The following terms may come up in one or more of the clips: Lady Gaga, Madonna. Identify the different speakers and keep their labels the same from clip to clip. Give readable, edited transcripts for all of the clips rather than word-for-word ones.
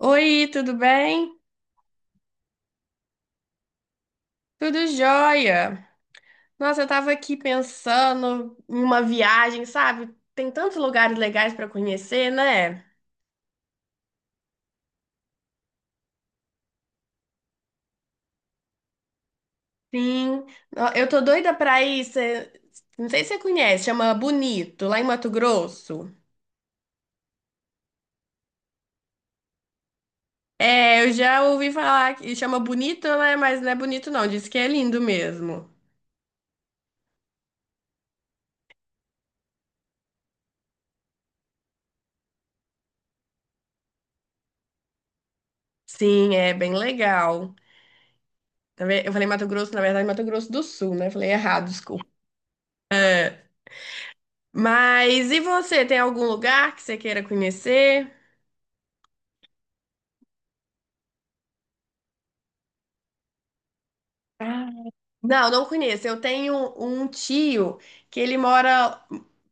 Speaker 1: Oi, tudo bem? Tudo jóia. Nossa, eu tava aqui pensando em uma viagem, sabe? Tem tantos lugares legais pra conhecer, né? Sim. Ó, eu tô doida pra ir. Não sei se você conhece, chama Bonito, lá em Mato Grosso. É, eu já ouvi falar que chama Bonito, né? Mas não é bonito, não. Diz que é lindo mesmo. Sim, é bem legal. Eu falei Mato Grosso, na verdade, Mato Grosso do Sul, né? Falei errado. Mas e você, tem algum lugar que você queira conhecer? Ah, não, não conheço. Eu tenho um tio que ele mora,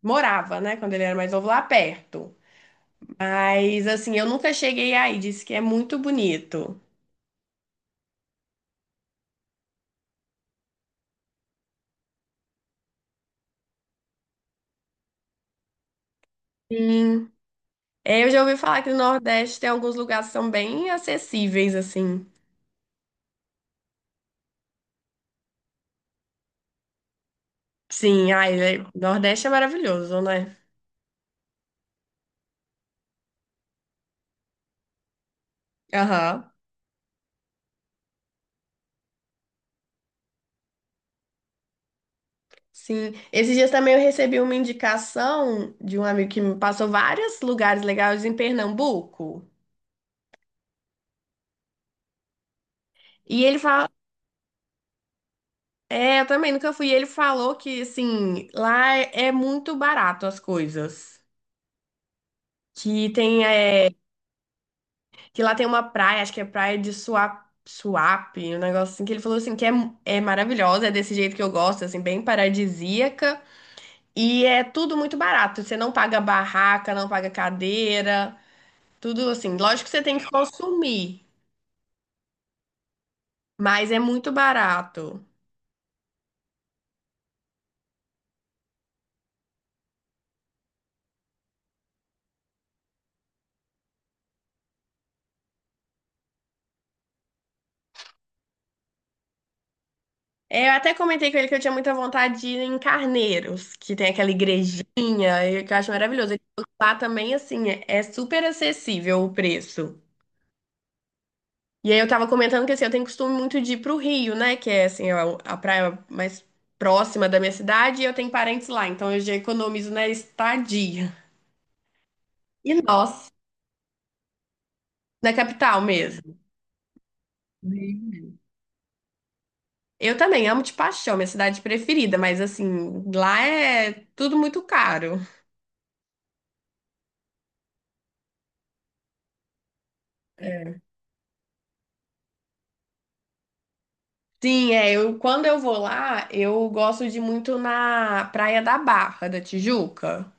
Speaker 1: morava, né, quando ele era mais novo, lá perto. Mas assim, eu nunca cheguei aí, disse que é muito bonito. Sim. É, eu já ouvi falar que no Nordeste tem alguns lugares que são bem acessíveis, assim. Sim, ai, Nordeste é maravilhoso, né? Aham. Sim, esses dias também eu recebi uma indicação de um amigo que me passou vários lugares legais em Pernambuco. E ele fala, é, eu também nunca fui. E ele falou que assim, lá é muito barato as coisas. Que tem é, que lá tem uma praia, acho que é praia de Suape, Suape, um negócio assim que ele falou assim que é, é maravilhosa, é desse jeito que eu gosto, assim, bem paradisíaca. E é tudo muito barato. Você não paga barraca, não paga cadeira, tudo assim. Lógico que você tem que consumir. Mas é muito barato. É, eu até comentei com ele que eu tinha muita vontade de ir em Carneiros, que tem aquela igrejinha, e que eu acho maravilhoso. Ele falou que lá também, assim, é super acessível o preço. E aí eu tava comentando que, assim, eu tenho costume muito de ir pro Rio, né? Que é, assim, a praia mais próxima da minha cidade, e eu tenho parentes lá, então eu já economizo na estadia. E nós, na capital mesmo. Eu também amo de paixão, minha cidade preferida, mas, assim, lá é tudo muito caro. Sim, é, eu quando eu vou lá, eu gosto de ir muito na Praia da Barra da Tijuca,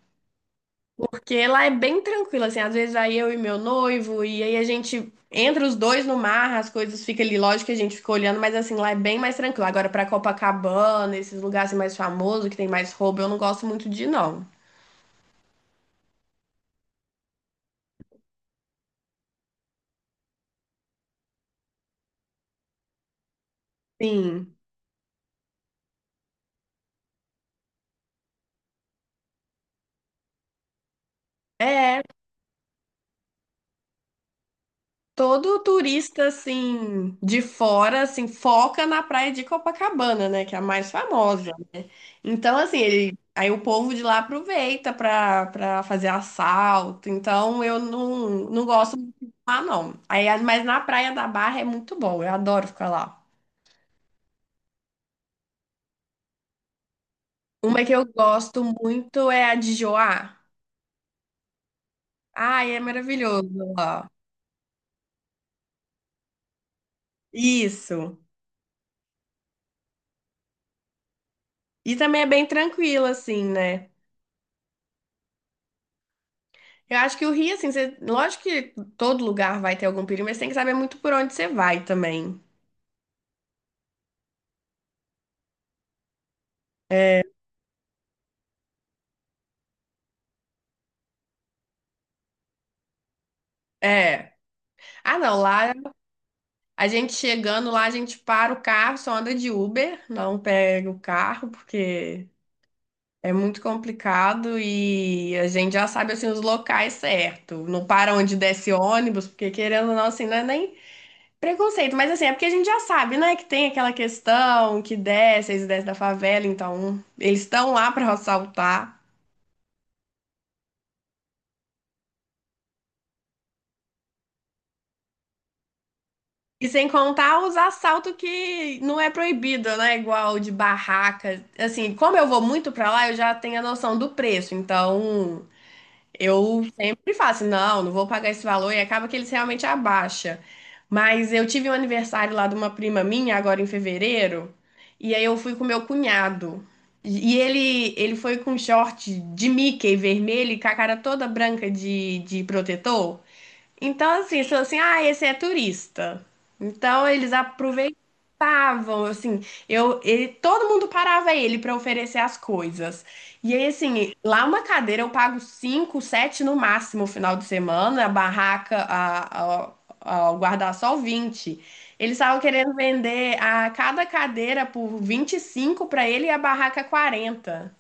Speaker 1: porque lá é bem tranquilo, assim, às vezes vai eu e meu noivo e aí a gente entra os dois no mar, as coisas ficam ali, lógico que a gente fica olhando, mas assim, lá é bem mais tranquilo. Agora pra Copacabana, esses lugares assim, mais famosos, que tem mais roubo, eu não gosto muito de ir, não. Sim. É, todo turista assim de fora assim foca na praia de Copacabana, né, que é a mais famosa. Então, assim, ele, aí o povo de lá aproveita pra para fazer assalto. Então, eu não, não gosto muito de lá, não. Aí, mas na Praia da Barra é muito bom, eu adoro ficar lá. Uma que eu gosto muito é a de Joá. Ai, é maravilhoso lá. Isso. E também é bem tranquilo, assim, né? Eu acho que o Rio, assim, lógico que todo lugar vai ter algum perigo, mas você tem que saber muito por onde você vai também. É. Ah, não, lá a gente chegando lá, a gente para o carro, só anda de Uber, não pega o carro, porque é muito complicado e a gente já sabe assim os locais certo. Não para onde desce ônibus, porque querendo ou não, assim, não é nem preconceito, mas assim, é porque a gente já sabe, né, que tem aquela questão que desce, eles descem da favela, então eles estão lá para assaltar. E sem contar os assaltos que não é proibido, né? Igual de barraca. Assim, como eu vou muito pra lá, eu já tenho a noção do preço. Então, eu sempre faço, não, não vou pagar esse valor e acaba que eles realmente abaixam. Mas eu tive um aniversário lá de uma prima minha, agora em fevereiro, e aí eu fui com meu cunhado. E ele foi com short de Mickey vermelho e com a cara toda branca de protetor. Então, assim, falou assim, ah, esse é turista. Então, eles aproveitavam, assim, eu, ele, todo mundo parava ele para oferecer as coisas. E aí, assim, lá uma cadeira eu pago 5 7 no máximo, final de semana, a barraca, o guarda-sol 20. Eles estavam querendo vender a cada cadeira por 25 para ele e a barraca 40.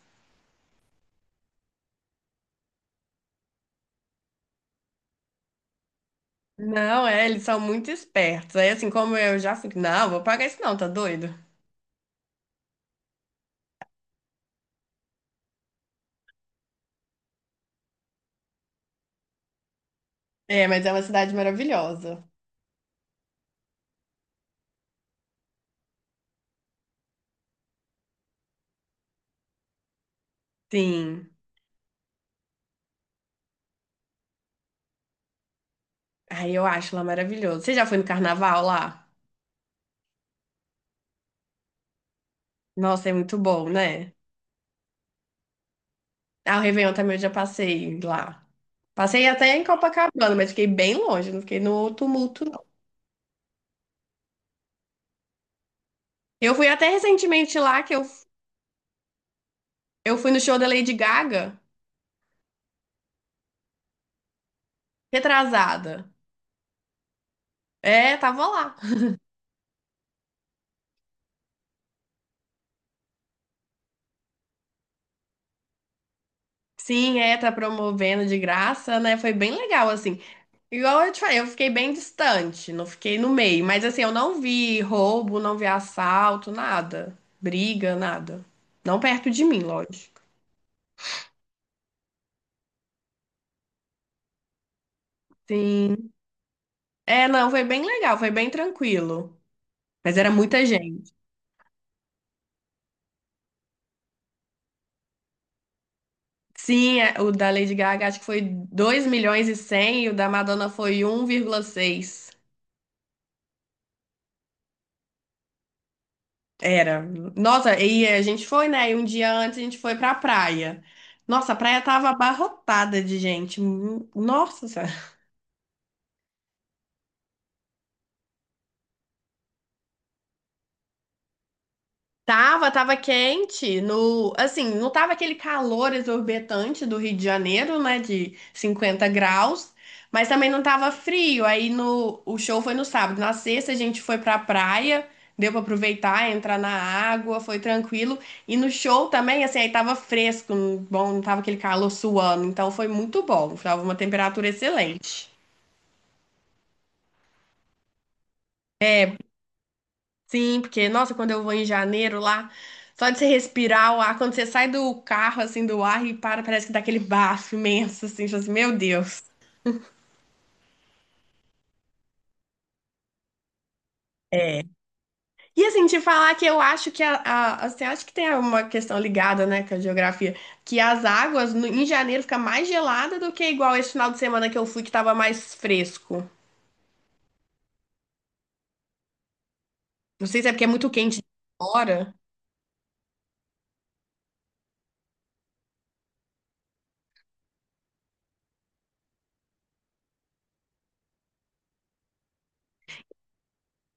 Speaker 1: Não, é, eles são muito espertos. Aí, assim, como eu já fico, não, vou pagar isso não, tá doido? É, mas é uma cidade maravilhosa. Sim. Ai, eu acho lá maravilhoso. Você já foi no carnaval lá? Nossa, é muito bom, né? Ah, o Réveillon também eu já passei lá. Passei até em Copacabana, mas fiquei bem longe, não fiquei no tumulto, não. Eu fui até recentemente lá, que eu fui no show da Lady Gaga, retrasada. É, tava lá. Sim, é, tá promovendo de graça, né? Foi bem legal, assim. Igual eu te falei, eu fiquei bem distante, não fiquei no meio. Mas assim, eu não vi roubo, não vi assalto, nada. Briga, nada. Não perto de mim, lógico. Sim. É, não, foi bem legal, foi bem tranquilo. Mas era muita gente. Sim, é, o da Lady Gaga acho que foi 2,1 milhões e o da Madonna foi 1,6. Era. Nossa, e a gente foi, né? E um dia antes a gente foi pra praia. Nossa, a praia tava abarrotada de gente. Nossa, tava, tava quente, no, assim, não tava aquele calor exorbitante do Rio de Janeiro, né, de 50 graus, mas também não tava frio. Aí no, o show foi no sábado. Na sexta a gente foi pra praia, deu pra aproveitar, entrar na água, foi tranquilo. E no show também, assim, aí tava fresco, bom, não tava aquele calor suando, então foi muito bom. Tava uma temperatura excelente. Sim, porque, nossa, quando eu vou em janeiro lá, só de você respirar o ar, quando você sai do carro, assim, do ar e para, parece que dá aquele bafo imenso, assim, tipo assim, meu Deus. E assim, te falar que eu acho que assim, acho que tem uma questão ligada, né, com a geografia, que as águas em janeiro fica mais gelada do que igual esse final de semana que eu fui, que tava mais fresco. Não sei se é porque é muito quente de fora.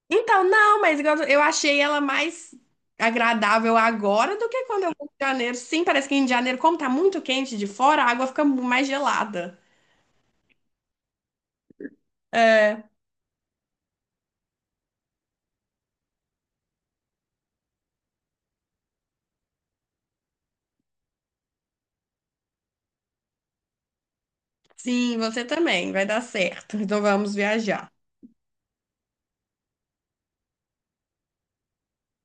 Speaker 1: Então, não, mas igual eu achei ela mais agradável agora do que quando eu fui em janeiro. Sim, parece que em janeiro, como tá muito quente de fora, a água fica mais gelada. É, sim, você também, vai dar certo. Então vamos viajar.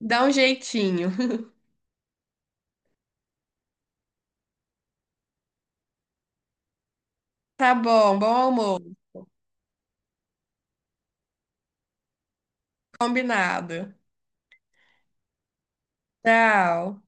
Speaker 1: Dá um jeitinho. Tá bom, bom amor. Combinado. Tchau.